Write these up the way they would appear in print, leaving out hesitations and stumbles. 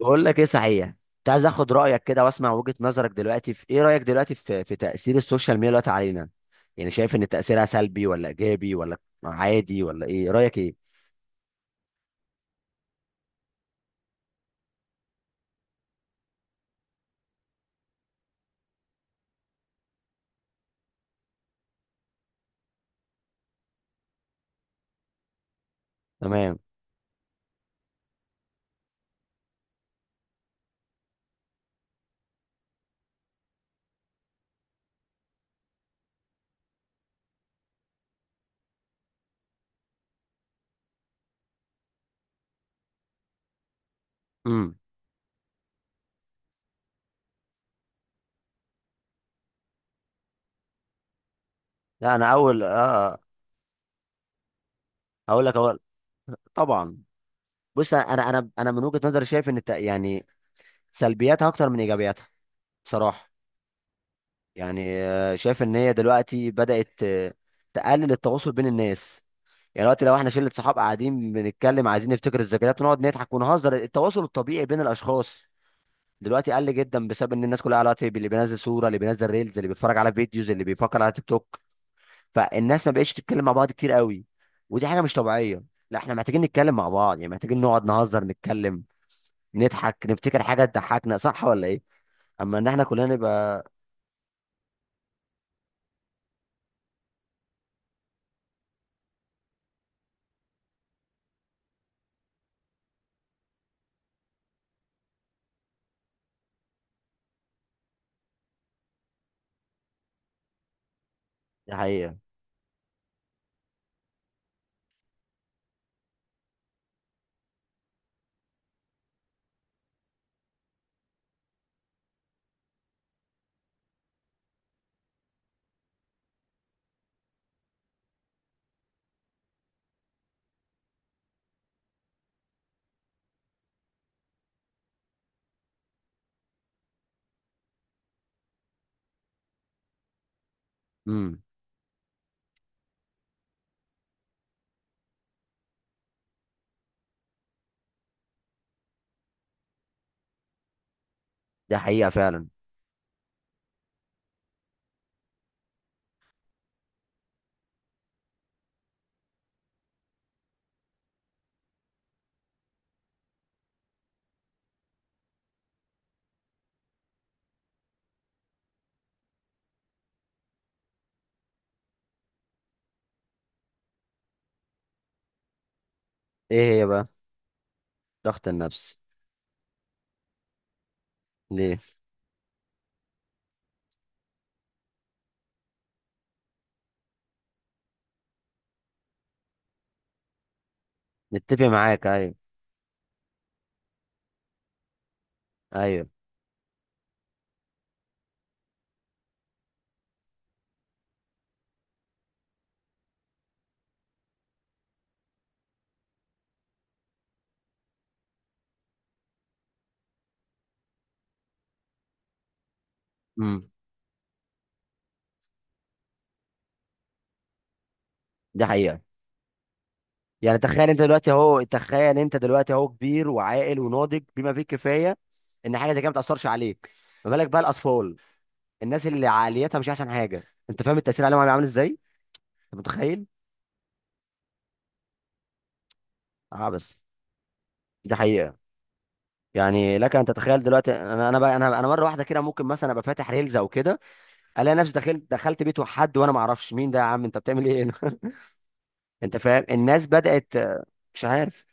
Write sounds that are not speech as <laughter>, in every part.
بقول لك ايه صحيح. كنت عايز اخد رايك كده واسمع وجهه نظرك دلوقتي، في ايه رايك دلوقتي في تاثير السوشيال ميديا دلوقتي علينا؟ يعني شايف ان تاثيرها سلبي ولا ايجابي ولا عادي، ولا ايه رايك ايه؟ تمام. امم. لا، انا اول اه، هقول لك اول. طبعا. بص، انا من وجهه نظري شايف ان يعني سلبياتها اكتر من ايجابياتها، بصراحه. يعني شايف ان هي دلوقتي بدات تقلل التواصل بين الناس. يعني دلوقتي لو احنا شله صحاب قاعدين بنتكلم عايزين نفتكر الذكريات ونقعد نضحك ونهزر، التواصل الطبيعي بين الاشخاص دلوقتي قل جدا، بسبب ان الناس كلها على واتساب، اللي بينزل صوره، اللي بينزل ريلز، اللي بيتفرج على فيديوز، اللي بيفكر على تيك توك. فالناس ما بقتش تتكلم مع بعض كتير قوي. ودي حاجه مش طبيعيه. لا، احنا محتاجين نتكلم مع بعض، يعني محتاجين نقعد نهزر، نتكلم، نضحك، نفتكر حاجه تضحكنا، صح ولا ايه؟ اما ان احنا كلنا نبقى. دي حقيقه. امم. دي حقيقه فعلا. ايه هي بقى؟ ضغط النفس؟ ليه؟ نتفق معاك، ايوه. ايوه. امم. دي حقيقه. يعني تخيل انت دلوقتي اهو، تخيل انت دلوقتي اهو كبير وعاقل وناضج بما فيه الكفايه، ان حاجه زي كده ما تاثرش عليك. ما بالك بقى الاطفال، الناس اللي عقليتها مش احسن حاجه؟ انت فاهم التاثير عليهم هيبقى عامل ازاي؟ انت متخيل؟ اه بس. دي حقيقه. يعني لك ان تتخيل دلوقتي، انا بقى، انا مره واحده كده ممكن مثلا ابقى فاتح ريلز او كده، الاقي نفسي دخلت بيت حد وانا ما اعرفش مين ده، يا عم انت بتعمل ايه هنا؟ <laughs> انت فاهم الناس بدات، مش عارف.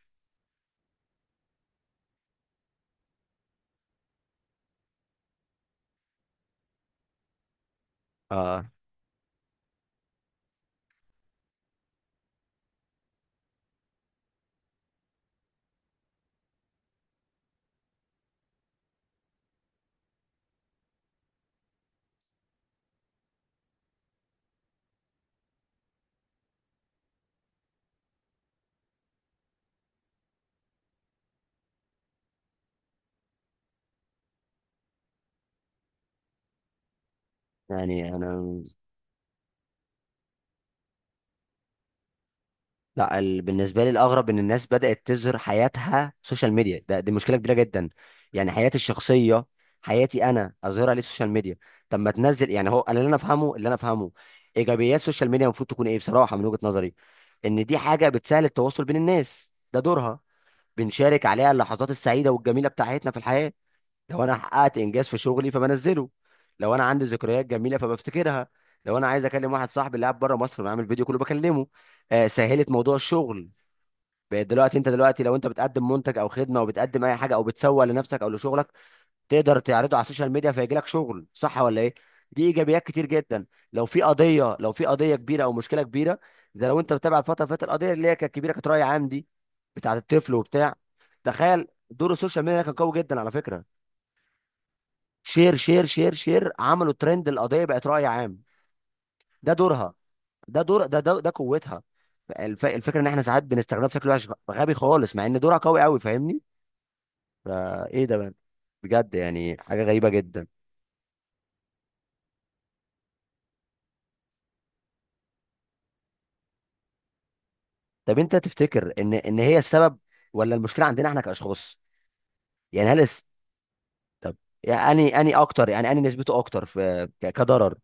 اه، يعني انا، لا بالنسبه لي الاغرب ان الناس بدات تظهر حياتها سوشيال ميديا ده، دي مشكله كبيره جدا. يعني حياتي الشخصيه، حياتي انا، اظهرها ليه سوشيال ميديا؟ طب ما تنزل، يعني هو أنا اللي انا افهمه، اللي انا افهمه ايجابيات السوشيال ميديا المفروض تكون ايه بصراحه من وجهه نظري، ان دي حاجه بتسهل التواصل بين الناس، ده دورها. بنشارك عليها اللحظات السعيده والجميله بتاعتنا في الحياه. لو انا حققت انجاز في شغلي فبنزله. لو انا عندي ذكريات جميله فبفتكرها. لو انا عايز اكلم واحد صاحبي اللي قاعد بره مصر بعمل فيديو كله بكلمه. آه، سهلت موضوع الشغل. بقيت دلوقتي، انت دلوقتي لو انت بتقدم منتج او خدمه او بتقدم اي حاجه او بتسوق لنفسك او لشغلك، تقدر تعرضه على السوشيال ميديا فيجي لك شغل، صح ولا ايه؟ دي ايجابيات كتير جدا. لو في قضيه، لو في قضيه كبيره او مشكله كبيره، ده لو انت متابع الفتره اللي فاتت، القضيه اللي هي كانت كبيره كانت راي عام دي، بتاعت الطفل وبتاع، تخيل دور السوشيال ميديا كان قوي جدا على فكره. شير شير شير شير، عملوا ترند، القضيه بقت راي عام. ده دورها. ده دور، ده قوتها. الفكره ان احنا ساعات بنستخدمها بشكل وحش غبي خالص، مع ان دورها قوي قوي، فاهمني؟ فايه ده بقى؟ بجد يعني حاجه غريبه جدا. طب انت تفتكر ان هي السبب ولا المشكله عندنا احنا كاشخاص؟ يعني طب يعني اني اكتر، يعني اني نسبته اكتر في كضرر.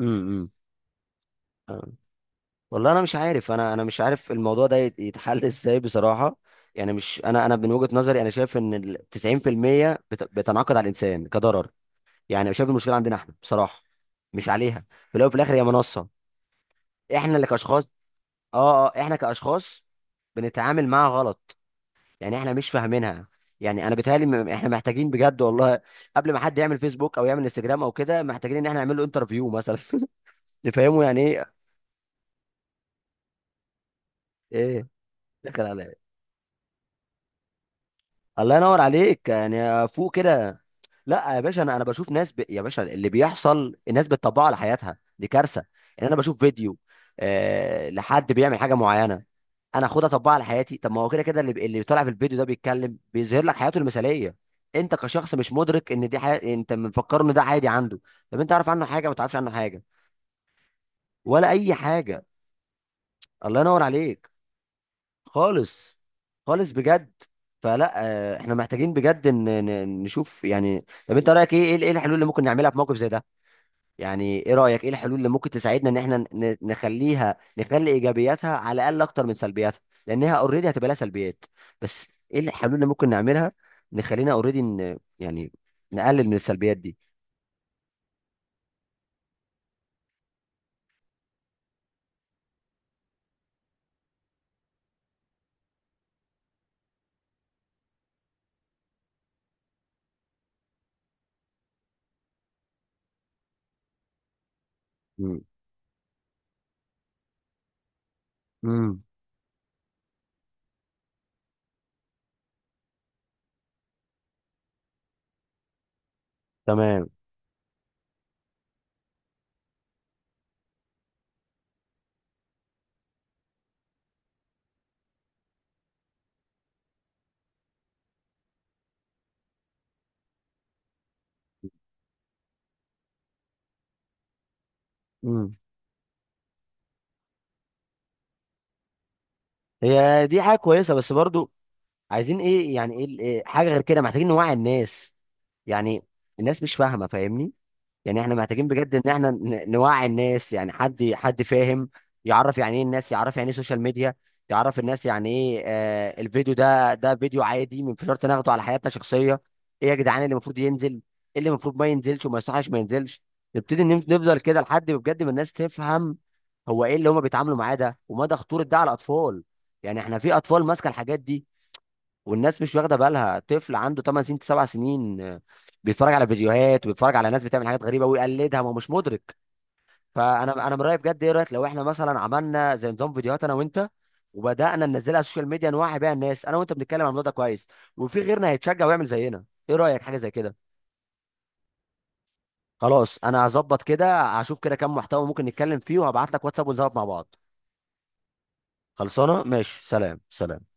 امم. والله انا مش عارف، انا مش عارف الموضوع ده يتحل <laughs> ازاي بصراحه. يعني مش، انا من وجهه نظري انا شايف ان ال 90% بتنعقد على الانسان كضرر. يعني أنا شايف المشكله عندنا احنا بصراحه، مش عليها. في الاول وفي الاخر هي منصه، احنا اللي كاشخاص. اه احنا كاشخاص بنتعامل معاها غلط. يعني احنا مش فاهمينها. يعني انا بيتهيألي احنا محتاجين بجد والله <laughs> قبل ما حد يعمل فيسبوك او يعمل انستجرام او كده، محتاجين ان احنا نعمل له انترفيو مثلا <laughs> نفهمه يعني ايه. ايه؟ دخل عليا. الله ينور عليك، يعني فوق كده. لا يا باشا، انا بشوف ناس يا باشا اللي بيحصل الناس بتطبقه على حياتها، دي كارثه. يعني انا بشوف فيديو آه لحد بيعمل حاجه معينه، انا اخدها اطبقها على حياتي. طب ما هو كده كده اللي اللي طالع في الفيديو ده بيتكلم، بيظهر لك حياته المثاليه. انت كشخص مش مدرك ان دي حياة، انت مفكر ان ده عادي عنده. طب انت عارف عنه حاجه؟ ما تعرفش عنه حاجه، ولا اي حاجه. الله ينور عليك. خالص. خالص بجد. فلا، احنا محتاجين بجد ان نشوف. يعني طب انت رايك ايه، ايه الحلول اللي ممكن نعملها في موقف زي ده؟ يعني ايه رايك، ايه الحلول اللي ممكن تساعدنا ان احنا نخليها، نخلي ايجابياتها على الاقل اكتر من سلبياتها، لانها اوريدي هتبقى لها سلبيات، بس ايه الحلول اللي ممكن نعملها نخلينا اوريدي يعني نقلل من السلبيات دي؟ امم. امم. تمام. امم. هي دي حاجه كويسه، بس برضو عايزين ايه، يعني ايه حاجه غير كده؟ محتاجين نوعي الناس يعني. الناس مش فاهمه، فاهمني؟ يعني احنا محتاجين بجد ان احنا نوعي الناس، يعني حد حد فاهم، يعرف يعني ايه الناس، يعرف يعني ايه سوشيال ميديا، يعرف الناس يعني ايه. آه، الفيديو ده ده فيديو عادي من شرط ناخده على حياتنا شخصيه؟ ايه يا جدعان اللي المفروض ينزل، ايه اللي المفروض ما ينزلش وما يصحش ما ينزلش؟ نبتدي نفضل كده لحد ما بجد ما الناس تفهم هو ايه اللي هما بيتعاملوا معاه ده، ومدى خطوره ده على الاطفال. يعني احنا في اطفال ماسكه الحاجات دي، والناس مش واخده بالها، طفل عنده 8 سنين 7 سنين بيتفرج على فيديوهات وبيتفرج على ناس بتعمل حاجات غريبه ويقلدها، ما هو مش مدرك. فانا، انا من رايي بجد، ايه رايك لو احنا مثلا عملنا زي نظام فيديوهات انا وانت، وبدانا ننزلها على السوشيال ميديا نوعي بيها الناس، انا وانت بنتكلم عن الموضوع ده كويس، وفي غيرنا هيتشجع ويعمل زينا؟ ايه رايك حاجه زي كده؟ خلاص انا هظبط كده، هشوف كده كام محتوى ممكن نتكلم فيه، وهبعت لك واتساب ونظبط مع بعض. خلصانه، ماشي، سلام سلام.